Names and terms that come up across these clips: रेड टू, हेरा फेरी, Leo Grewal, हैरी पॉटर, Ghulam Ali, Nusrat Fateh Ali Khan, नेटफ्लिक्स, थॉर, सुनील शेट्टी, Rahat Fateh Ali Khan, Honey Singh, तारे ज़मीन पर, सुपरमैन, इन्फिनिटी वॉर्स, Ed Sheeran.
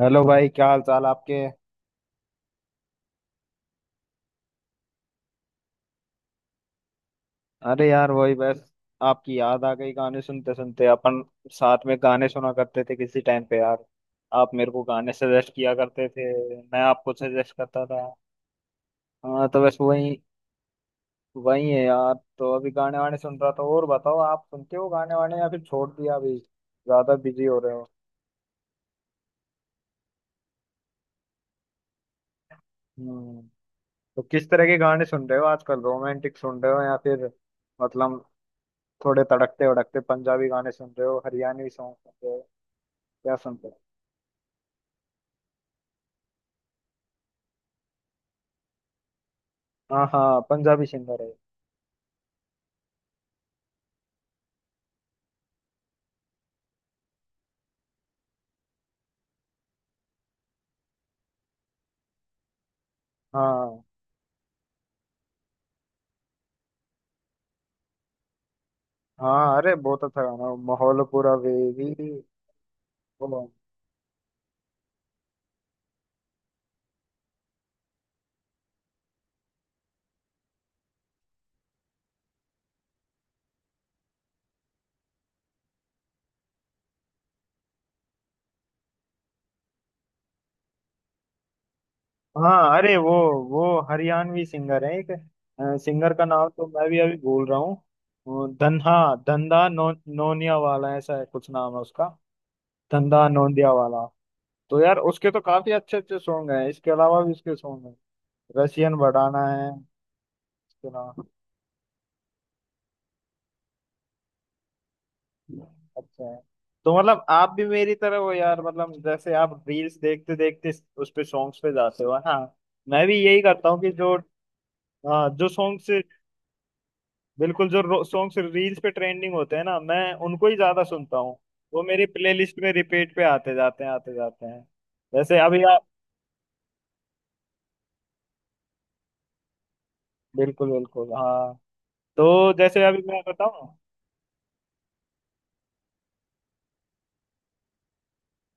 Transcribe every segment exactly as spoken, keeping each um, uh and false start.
Hello भाई, क्या हाल चाल आपके। अरे यार, वही बस आपकी याद आ गई। गाने सुनते सुनते अपन साथ में गाने सुना करते थे किसी टाइम पे यार। आप मेरे को गाने सजेस्ट किया करते थे, मैं आपको सजेस्ट करता था। हाँ तो बस वही वही है यार। तो अभी गाने वाने सुन रहा था। और बताओ, आप सुनते हो गाने वाने या फिर छोड़ दिया, अभी ज्यादा बिजी हो रहे हो। हम्म। तो किस तरह के गाने सुन रहे हो आजकल, रोमांटिक सुन रहे हो या फिर मतलब थोड़े तड़कते भड़कते पंजाबी गाने सुन रहे हो, हरियाणवी सॉन्ग सुन रहे हो, क्या सुनते हो। हाँ हाँ पंजाबी सिंगर है। हाँ हाँ, अरे बहुत अच्छा गाना वो, माहौल पूरा वेवी। वो हाँ अरे वो वो हरियाणवी सिंगर है एक। सिंगर का नाम तो मैं भी अभी भूल रहा हूँ। वो धन्हा धंधा नो, नोनिया वाला ऐसा है, कुछ नाम है उसका, धंधा नोंदिया वाला। तो यार उसके तो काफी अच्छे अच्छे सॉन्ग हैं, इसके अलावा भी उसके सॉन्ग हैं। रशियन बड़ाना है उसके अलावा। अच्छा है। तो मतलब आप भी मेरी तरह हो यार, मतलब जैसे आप रील्स देखते देखते उस पे सॉन्ग्स पे जाते हो, हाँ मैं भी यही करता हूँ। कि जो हाँ जो सॉन्ग्स बिल्कुल जो सॉन्ग्स रील्स पे ट्रेंडिंग होते हैं ना, मैं उनको ही ज्यादा सुनता हूँ। वो मेरी प्लेलिस्ट में रिपीट पे आते जाते हैं, आते जाते हैं। जैसे अभी आप बिल्कुल बिल्कुल हाँ तो जैसे अभी मैं बताऊँ।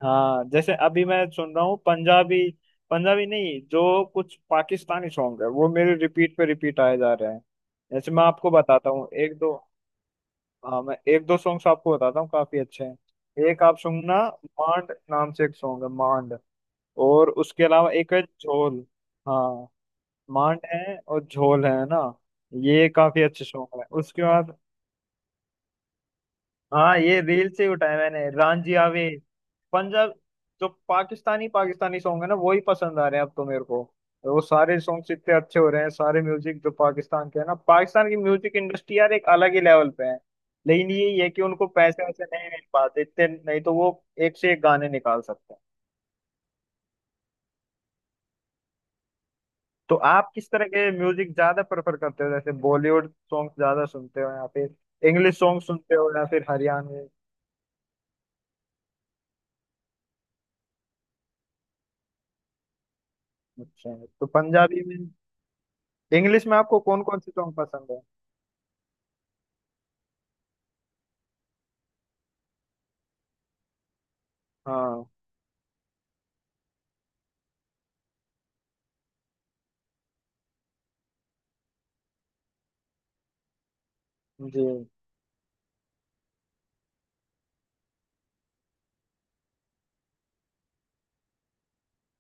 हाँ, जैसे अभी मैं सुन रहा हूँ पंजाबी पंजाबी नहीं, जो कुछ पाकिस्तानी सॉन्ग है वो मेरे रिपीट पे रिपीट आए जा रहे हैं। जैसे मैं आपको बताता हूँ एक दो हाँ, मैं एक दो सॉन्ग्स आपको बताता हूँ, काफी अच्छे हैं, एक आप सुनना। मांड नाम से एक सॉन्ग है, मांड। और उसके अलावा एक है झोल। हाँ, मांड है और झोल है ना, ये काफी अच्छे सॉन्ग है। उसके बाद हाँ, ये रील से ही उठाया मैंने, रांझिया वे। पंजाब, जो पाकिस्तानी पाकिस्तानी सॉन्ग है ना, वही पसंद आ रहे हैं अब तो मेरे को। वो सारे सॉन्ग्स इतने अच्छे हो रहे हैं, सारे म्यूजिक जो पाकिस्तान के है ना, पाकिस्तान की म्यूजिक इंडस्ट्री यार एक अलग ही लेवल पे है। लेकिन ये ये है कि उनको पैसे वैसे नहीं मिल पाते इतने, नहीं तो वो एक से एक गाने निकाल सकते हैं। तो आप किस तरह के म्यूजिक ज्यादा प्रेफर करते हो, जैसे बॉलीवुड सॉन्ग ज्यादा सुनते हो या फिर इंग्लिश सॉन्ग सुनते हो या फिर हरियाणवी। अच्छा, तो पंजाबी में इंग्लिश में आपको कौन कौन से सॉन्ग पसंद है। हाँ जी।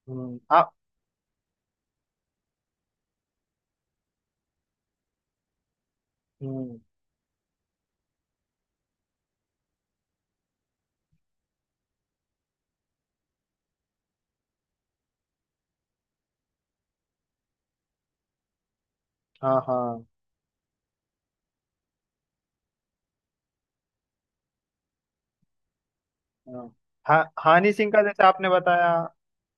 हम्म। आप। हम्म। हाँ हाँ हाँ। हा, हानी सिंह का जैसे आपने बताया,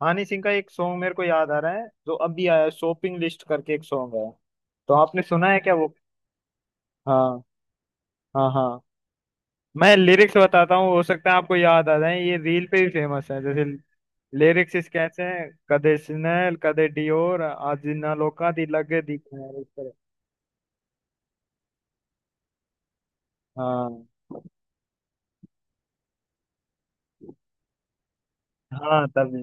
हानी सिंह का एक सॉन्ग मेरे को याद आ रहा है जो अभी आया है, शॉपिंग लिस्ट करके एक सॉन्ग है, तो आपने सुना है क्या वो। हाँ हाँ। हाँ, मैं लिरिक्स बताता हूँ, हो सकता है आपको याद आ जाए, ये रील पे भी फेमस है। जैसे लिरिक्स इसके ऐसे हैं, कदे स्नेल कदे डियोर आज ना लोका दी लगे दी इस तरह। हाँ, हाँ तभी।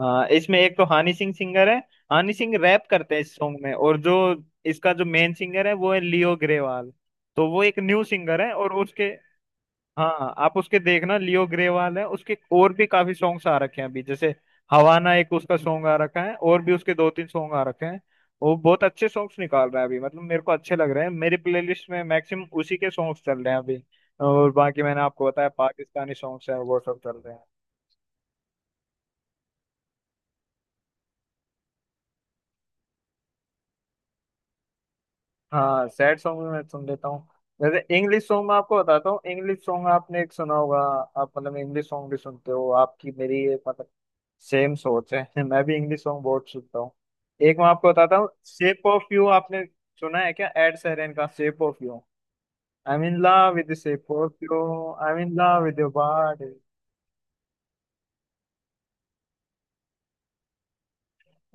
हाँ, इसमें एक तो हनी सिंह सिंगर है, हनी सिंह रैप करते हैं इस सॉन्ग में। और जो इसका जो मेन सिंगर है वो है लियो ग्रेवाल, तो वो एक न्यू सिंगर है। और उसके हाँ, आप उसके देखना, लियो ग्रेवाल है, उसके और भी काफी सॉन्ग्स आ रखे हैं अभी, जैसे हवाना एक उसका सॉन्ग आ रखा है और भी उसके दो तीन सॉन्ग आ रखे हैं। वो बहुत अच्छे सॉन्ग्स निकाल रहा है अभी, मतलब मेरे को अच्छे लग रहे हैं, मेरी प्लेलिस्ट में मैक्सिमम उसी के सॉन्ग्स चल रहे हैं अभी। और बाकी मैंने आपको बताया पाकिस्तानी सॉन्ग्स हैं, वो सब चल रहे हैं। हाँ सैड सॉन्ग भी मैं सुन लेता हूँ। जैसे इंग्लिश सॉन्ग में आपको बताता हूँ, इंग्लिश सॉन्ग आपने एक सुना होगा। आप मतलब इंग्लिश सॉन्ग भी सुनते हो, आपकी मेरी ये मतलब सेम सोच है मैं भी इंग्लिश सॉन्ग बहुत सुनता हूँ। एक मैं आपको बताता हूँ, शेप ऑफ यू आपने सुना है क्या, एड शेरन का shape of you. I am in love with shape of you, I am in love with your body.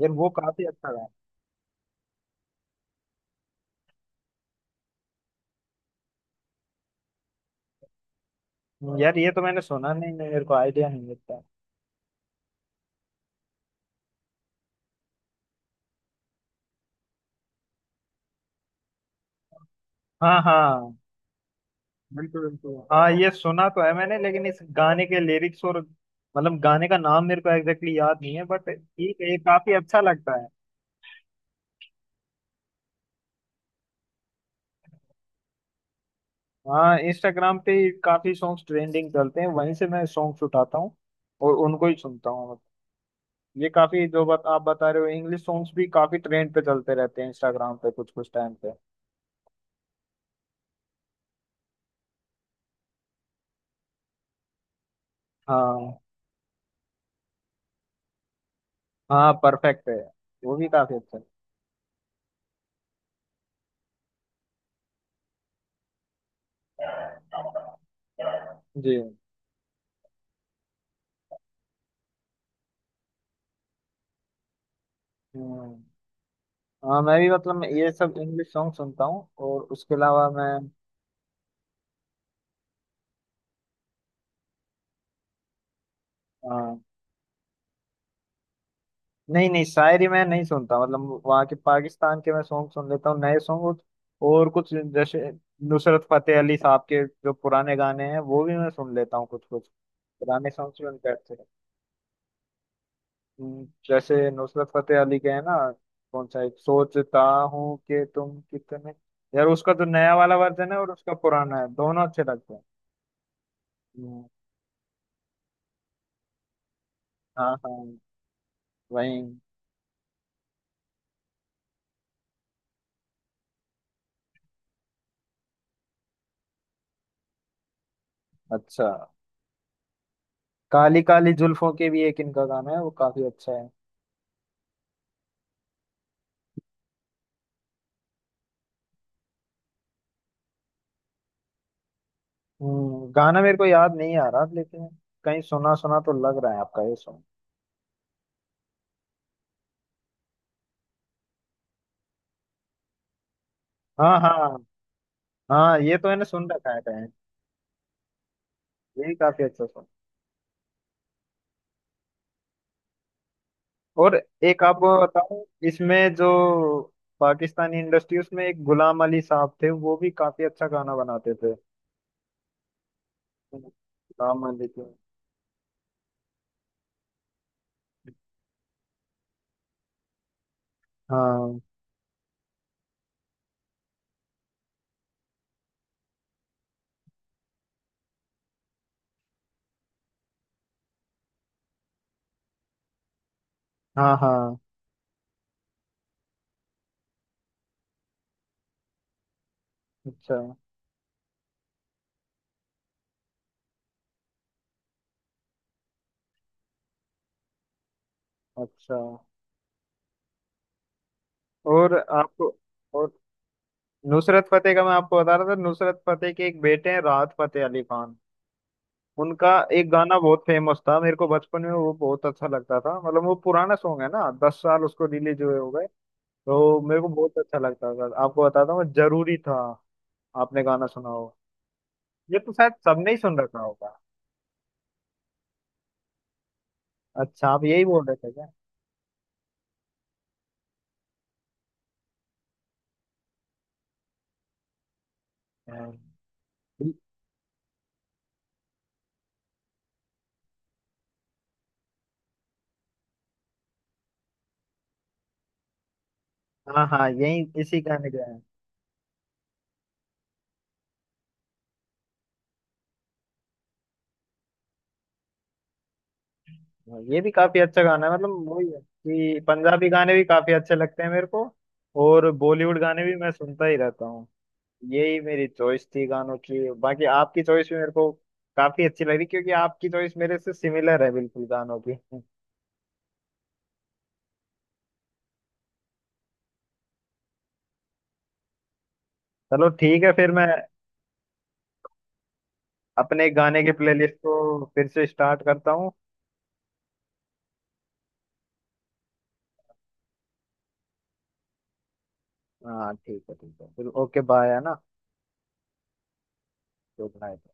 यार वो काफी अच्छा गाना है। यार ये तो मैंने सुना नहीं, नहीं मेरे को आइडिया नहीं मिलता। हाँ हाँ, बिल्कुल बिल्कुल, हाँ ये सुना तो है मैंने, लेकिन इस गाने के लिरिक्स और मतलब गाने का नाम मेरे को एग्जैक्टली याद नहीं है, बट ठीक है ये काफी अच्छा लगता है। हाँ इंस्टाग्राम पे काफी सॉन्ग्स ट्रेंडिंग चलते हैं, वहीं से मैं सॉन्ग्स उठाता हूँ और उनको ही सुनता हूँ। ये काफी जो बात आप बता रहे हो, इंग्लिश सॉन्ग्स भी काफी ट्रेंड पे चलते रहते हैं इंस्टाग्राम पे कुछ कुछ टाइम पे। हाँ। हाँ परफेक्ट है, वो भी काफी अच्छा है। जी। हम्म। हाँ मैं भी मतलब ये सब इंग्लिश सॉन्ग सुनता हूँ और उसके अलावा मैं हाँ, नहीं नहीं शायरी मैं नहीं सुनता। मतलब वहाँ के पाकिस्तान के मैं सॉन्ग सुन लेता हूँ, नए सॉन्ग। और कुछ जैसे नुसरत फतेह अली साहब के जो पुराने गाने हैं वो भी मैं सुन लेता हूँ, कुछ कुछ पुराने सॉन्ग भी उनके अच्छे हैं। हम्म, जैसे नुसरत फतेह अली के है ना, कौन सा एक सोचता हूँ, कि तुम कितने, यार उसका तो नया वाला वर्जन है और उसका पुराना है, दोनों अच्छे लगते हैं। हम्म, हाँ हाँ वही। अच्छा, काली काली जुल्फों के भी एक इनका गाना है, वो काफी अच्छा है। हम्म, गाना मेरे को याद नहीं आ रहा लेकिन कहीं सुना सुना तो लग रहा है आपका ये सॉन्ग। हाँ हाँ, हाँ ये तो मैंने सुन रखा है कहीं। ये भी काफी अच्छा सॉन्ग। और एक आपको बताऊं, इसमें जो पाकिस्तानी इंडस्ट्री उसमें एक गुलाम अली साहब थे, वो भी काफी अच्छा गाना बनाते थे। गुलाम अली के हाँ हाँ हाँ। अच्छा अच्छा। और आपको और नुसरत फतेह का मैं आपको बता रहा था, नुसरत फतेह के एक बेटे हैं राहत फतेह अली खान, उनका एक गाना बहुत फेमस था, मेरे को बचपन में वो बहुत अच्छा लगता था। मतलब वो पुराना सॉन्ग है ना, दस साल उसको रिलीज हुए हो गए। तो मेरे को बहुत अच्छा लगता था, आपको बताता हूँ, जरूरी था आपने गाना सुना हो, ये तो शायद सबने ही सुन रखा होगा। अच्छा, आप यही बोल रहे थे क्या। हाँ हाँ हाँ, यही इसी गाने का है। हाँ, ये भी काफी अच्छा गाना है। मतलब वही है कि पंजाबी गाने भी काफी अच्छे लगते हैं मेरे को और बॉलीवुड गाने भी मैं सुनता ही रहता हूँ। यही मेरी चॉइस थी गानों की, बाकी आपकी चॉइस भी मेरे को काफी अच्छी लग रही क्योंकि आपकी चॉइस मेरे से सिमिलर है बिल्कुल गानों की। चलो ठीक है, फिर मैं अपने गाने के प्लेलिस्ट को फिर से स्टार्ट करता हूँ। हाँ ठीक है ठीक है, फिर ओके बाय है ना। Good night.